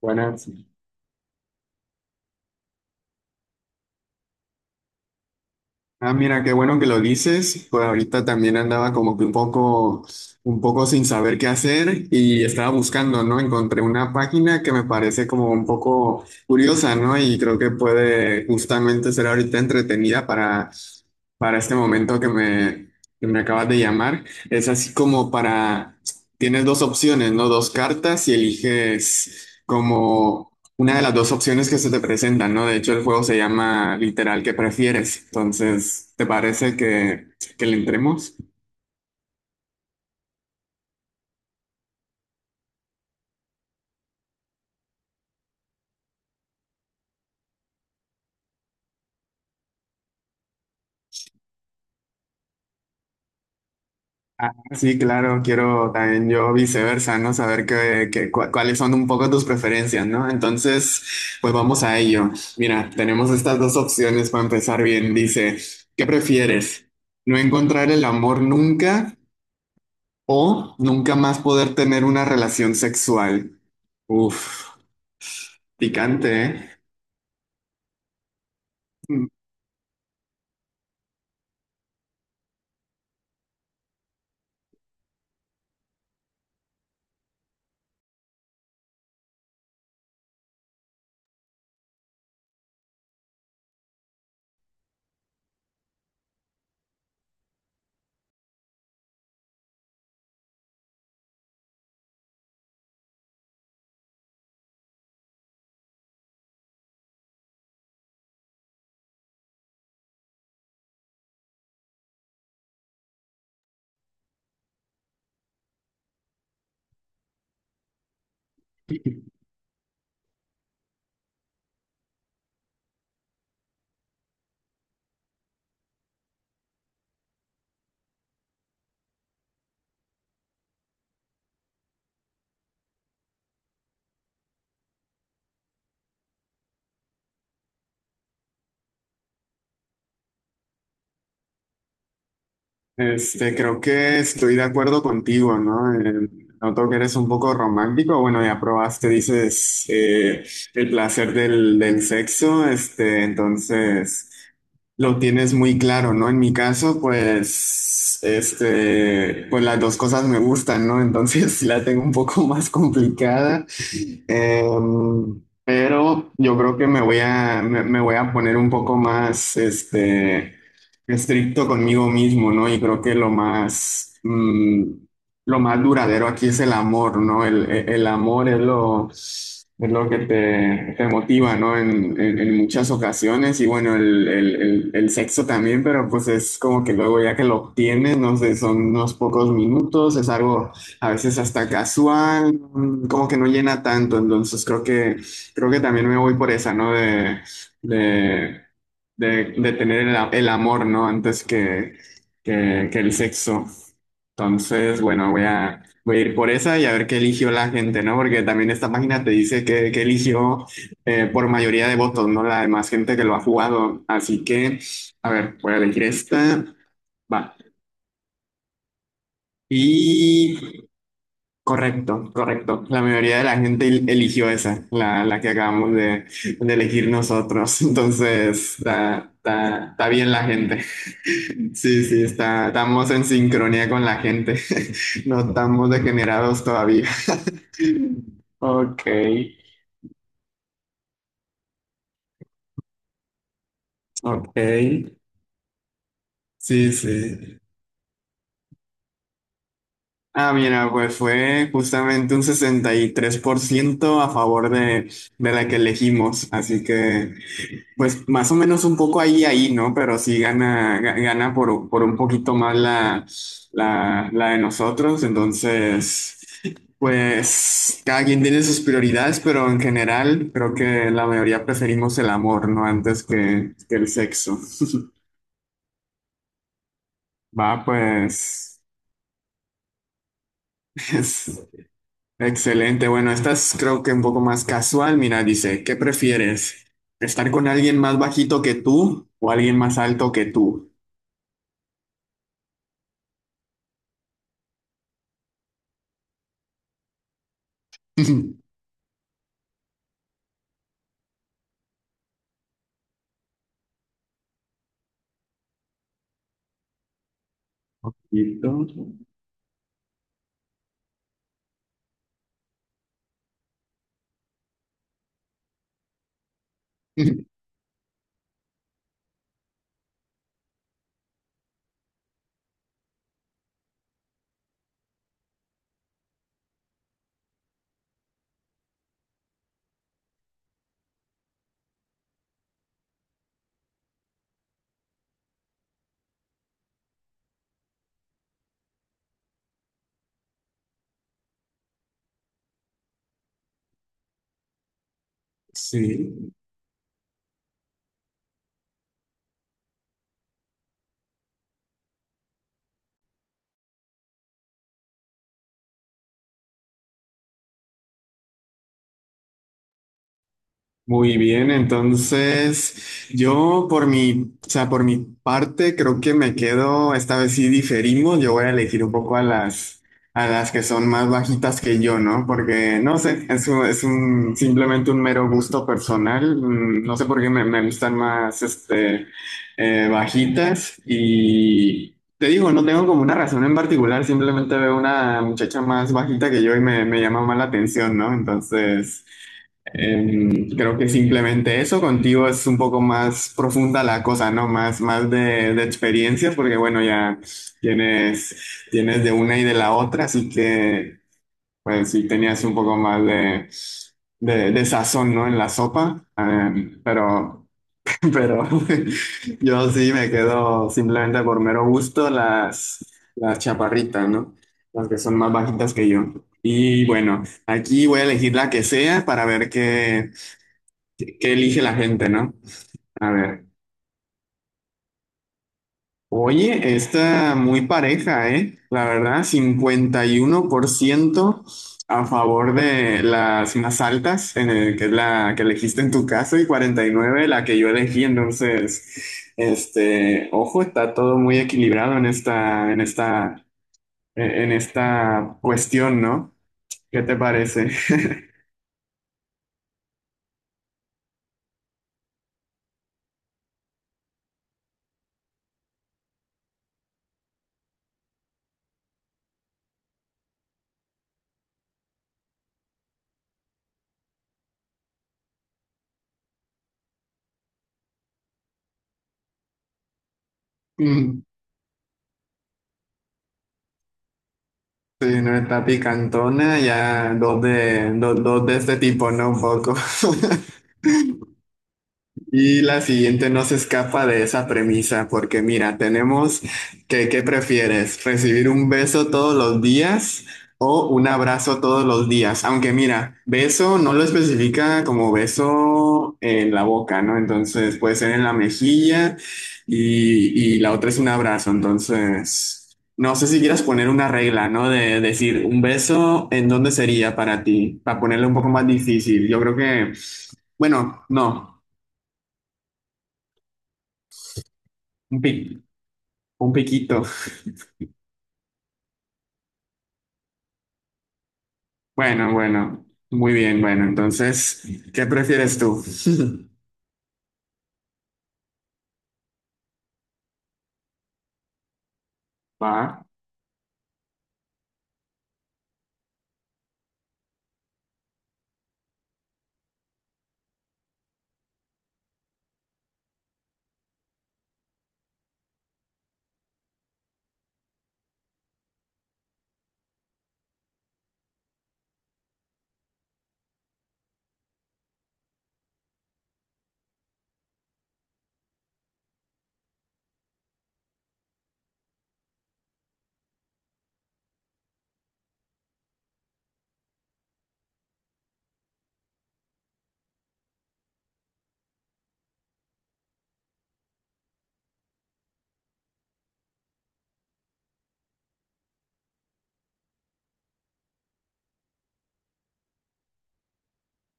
Buenas. Ah, mira, qué bueno que lo dices. Pues ahorita también andaba como que un poco, sin saber qué hacer y estaba buscando, ¿no? Encontré una página que me parece como un poco curiosa, ¿no? Y creo que puede justamente ser ahorita entretenida para, este momento que me, acabas de llamar. Es así como para, tienes dos opciones, ¿no? Dos cartas y eliges como... Una de las dos opciones que se te presentan, ¿no? De hecho, el juego se llama literal ¿qué prefieres? Entonces, ¿te parece que, le entremos? Ah, sí, claro, quiero también yo viceversa, ¿no? Saber cuáles son un poco tus preferencias, ¿no? Entonces, pues vamos a ello. Mira, tenemos estas dos opciones para empezar bien. Dice, ¿qué prefieres? ¿No encontrar el amor nunca o nunca más poder tener una relación sexual? Uf, picante, ¿eh? Este, creo que estoy de acuerdo contigo, ¿no? Noto que eres un poco romántico. Bueno, ya probaste, dices, el placer del sexo. Este, entonces, lo tienes muy claro, ¿no? En mi caso, pues, este, pues las dos cosas me gustan, ¿no? Entonces, la tengo un poco más complicada. Pero yo creo que me voy a poner un poco más, este, estricto conmigo mismo, ¿no? Y creo que lo más, lo más duradero aquí es el amor, ¿no? El amor es lo que te, motiva, ¿no? En muchas ocasiones y bueno, el sexo también, pero pues es como que luego ya que lo obtienes, no sé, son unos pocos minutos, es algo a veces hasta casual, como que no llena tanto, entonces creo que también me voy por esa, ¿no? De, de tener el amor, ¿no? Antes que el sexo. Entonces, bueno, voy a ir por esa y a ver qué eligió la gente, ¿no? Porque también esta página te dice que eligió por mayoría de votos, ¿no? La demás gente que lo ha jugado. Así que, a ver, voy a elegir esta. Va. Y correcto, correcto. La mayoría de la gente eligió esa, la que acabamos de elegir nosotros. Entonces, está bien la gente. Sí, sí, estamos en sincronía con la gente. No estamos degenerados todavía. Ok, ok. Sí, sí. Ah, mira, pues fue justamente un 63% a favor de la que elegimos. Así que... Pues más o menos un poco ahí, ¿no? Pero sí gana, gana por un poquito más la de nosotros. Entonces, pues cada quien tiene sus prioridades, pero en general creo que la mayoría preferimos el amor, ¿no? Antes que el sexo. Va, pues, es excelente. Bueno, esta es creo que un poco más casual. Mira, dice, ¿qué prefieres? ¿Estar con alguien más bajito que tú o alguien más alto que tú? Bajito. Sí, muy bien. Entonces, yo por mi, o sea, por mi parte, creo que me quedo, esta vez sí diferimos, yo voy a elegir un poco a las que son más bajitas que yo, ¿no? Porque, no sé, simplemente un mero gusto personal. No sé por qué me, gustan más, este, bajitas y... Te digo, no tengo como una razón en particular, simplemente veo una muchacha más bajita que yo y me, llama más la atención, ¿no? Entonces... Creo que simplemente eso, contigo es un poco más profunda la cosa, ¿no? Más, más de experiencias, porque bueno, ya tienes, tienes de una y de la otra, así que pues sí tenías un poco más de, de sazón, ¿no? En la sopa. Pero yo sí me quedo simplemente por mero gusto las chaparritas, ¿no? Las que son más bajitas que yo. Y bueno. Aquí voy a elegir la que sea para ver qué, qué elige la gente, ¿no? A ver. Oye, está muy pareja, ¿eh? La verdad, 51% a favor de las más altas, que es la que elegiste en tu caso, y 49% la que yo elegí. Entonces, este, ojo, está todo muy equilibrado en esta, en esta, en esta cuestión, ¿no? ¿Qué te parece? Mm, Sí, no está picantona, ya dos de este tipo, ¿no? Un poco. Y la siguiente no se escapa de esa premisa, porque mira, tenemos que, ¿qué prefieres? ¿Recibir un beso todos los días o un abrazo todos los días? Aunque mira, beso no lo especifica como beso en la boca, ¿no? Entonces puede ser en la mejilla y, la otra es un abrazo. Entonces, no sé si quieras poner una regla, ¿no? De decir, un beso, ¿en dónde sería para ti? Para ponerlo un poco más difícil. Yo creo que, bueno, no. Un pic. Un piquito. Bueno, bueno. Muy bien, bueno. Entonces, ¿qué prefieres tú? Va.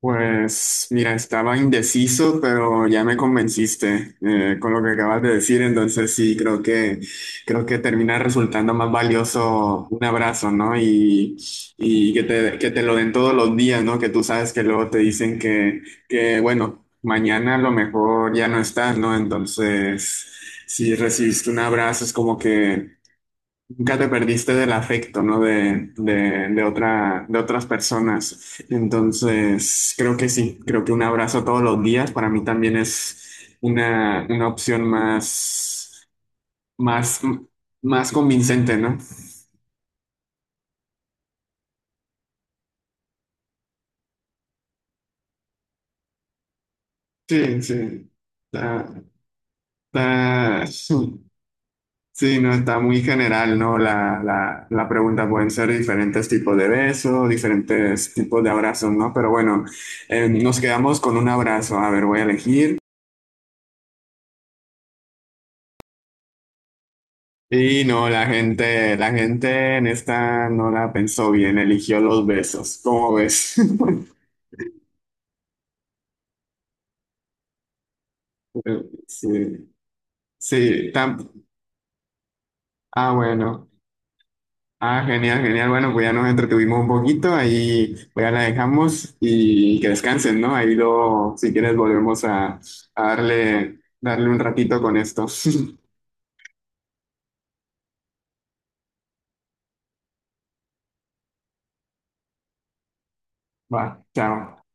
Pues mira, estaba indeciso, pero ya me convenciste con lo que acabas de decir. Entonces sí, creo que termina resultando más valioso un abrazo, ¿no? Y que te, lo den todos los días, ¿no? Que tú sabes que luego te dicen que bueno, mañana a lo mejor ya no estás, ¿no? Entonces, si recibiste un abrazo, es como que nunca te perdiste del afecto, ¿no? De otra, de otras personas. Entonces, creo que sí, creo que un abrazo todos los días para mí también es una opción más, más, más convincente, ¿no? Sí, sí. Está, está- sí, no, está muy general, ¿no? La pregunta pueden ser diferentes tipos de besos, diferentes tipos de abrazos, ¿no? Pero bueno, nos quedamos con un abrazo. A ver, voy a elegir. Y no, la gente en esta no la pensó bien, eligió los besos. ¿Cómo ves? Sí, sí, tam- ah, bueno. Ah, genial, genial. Bueno, pues ya nos entretuvimos un poquito, ahí pues ya la dejamos y que descansen, ¿no? Ahí luego, si quieres, volvemos a darle un ratito con esto. Va, chao.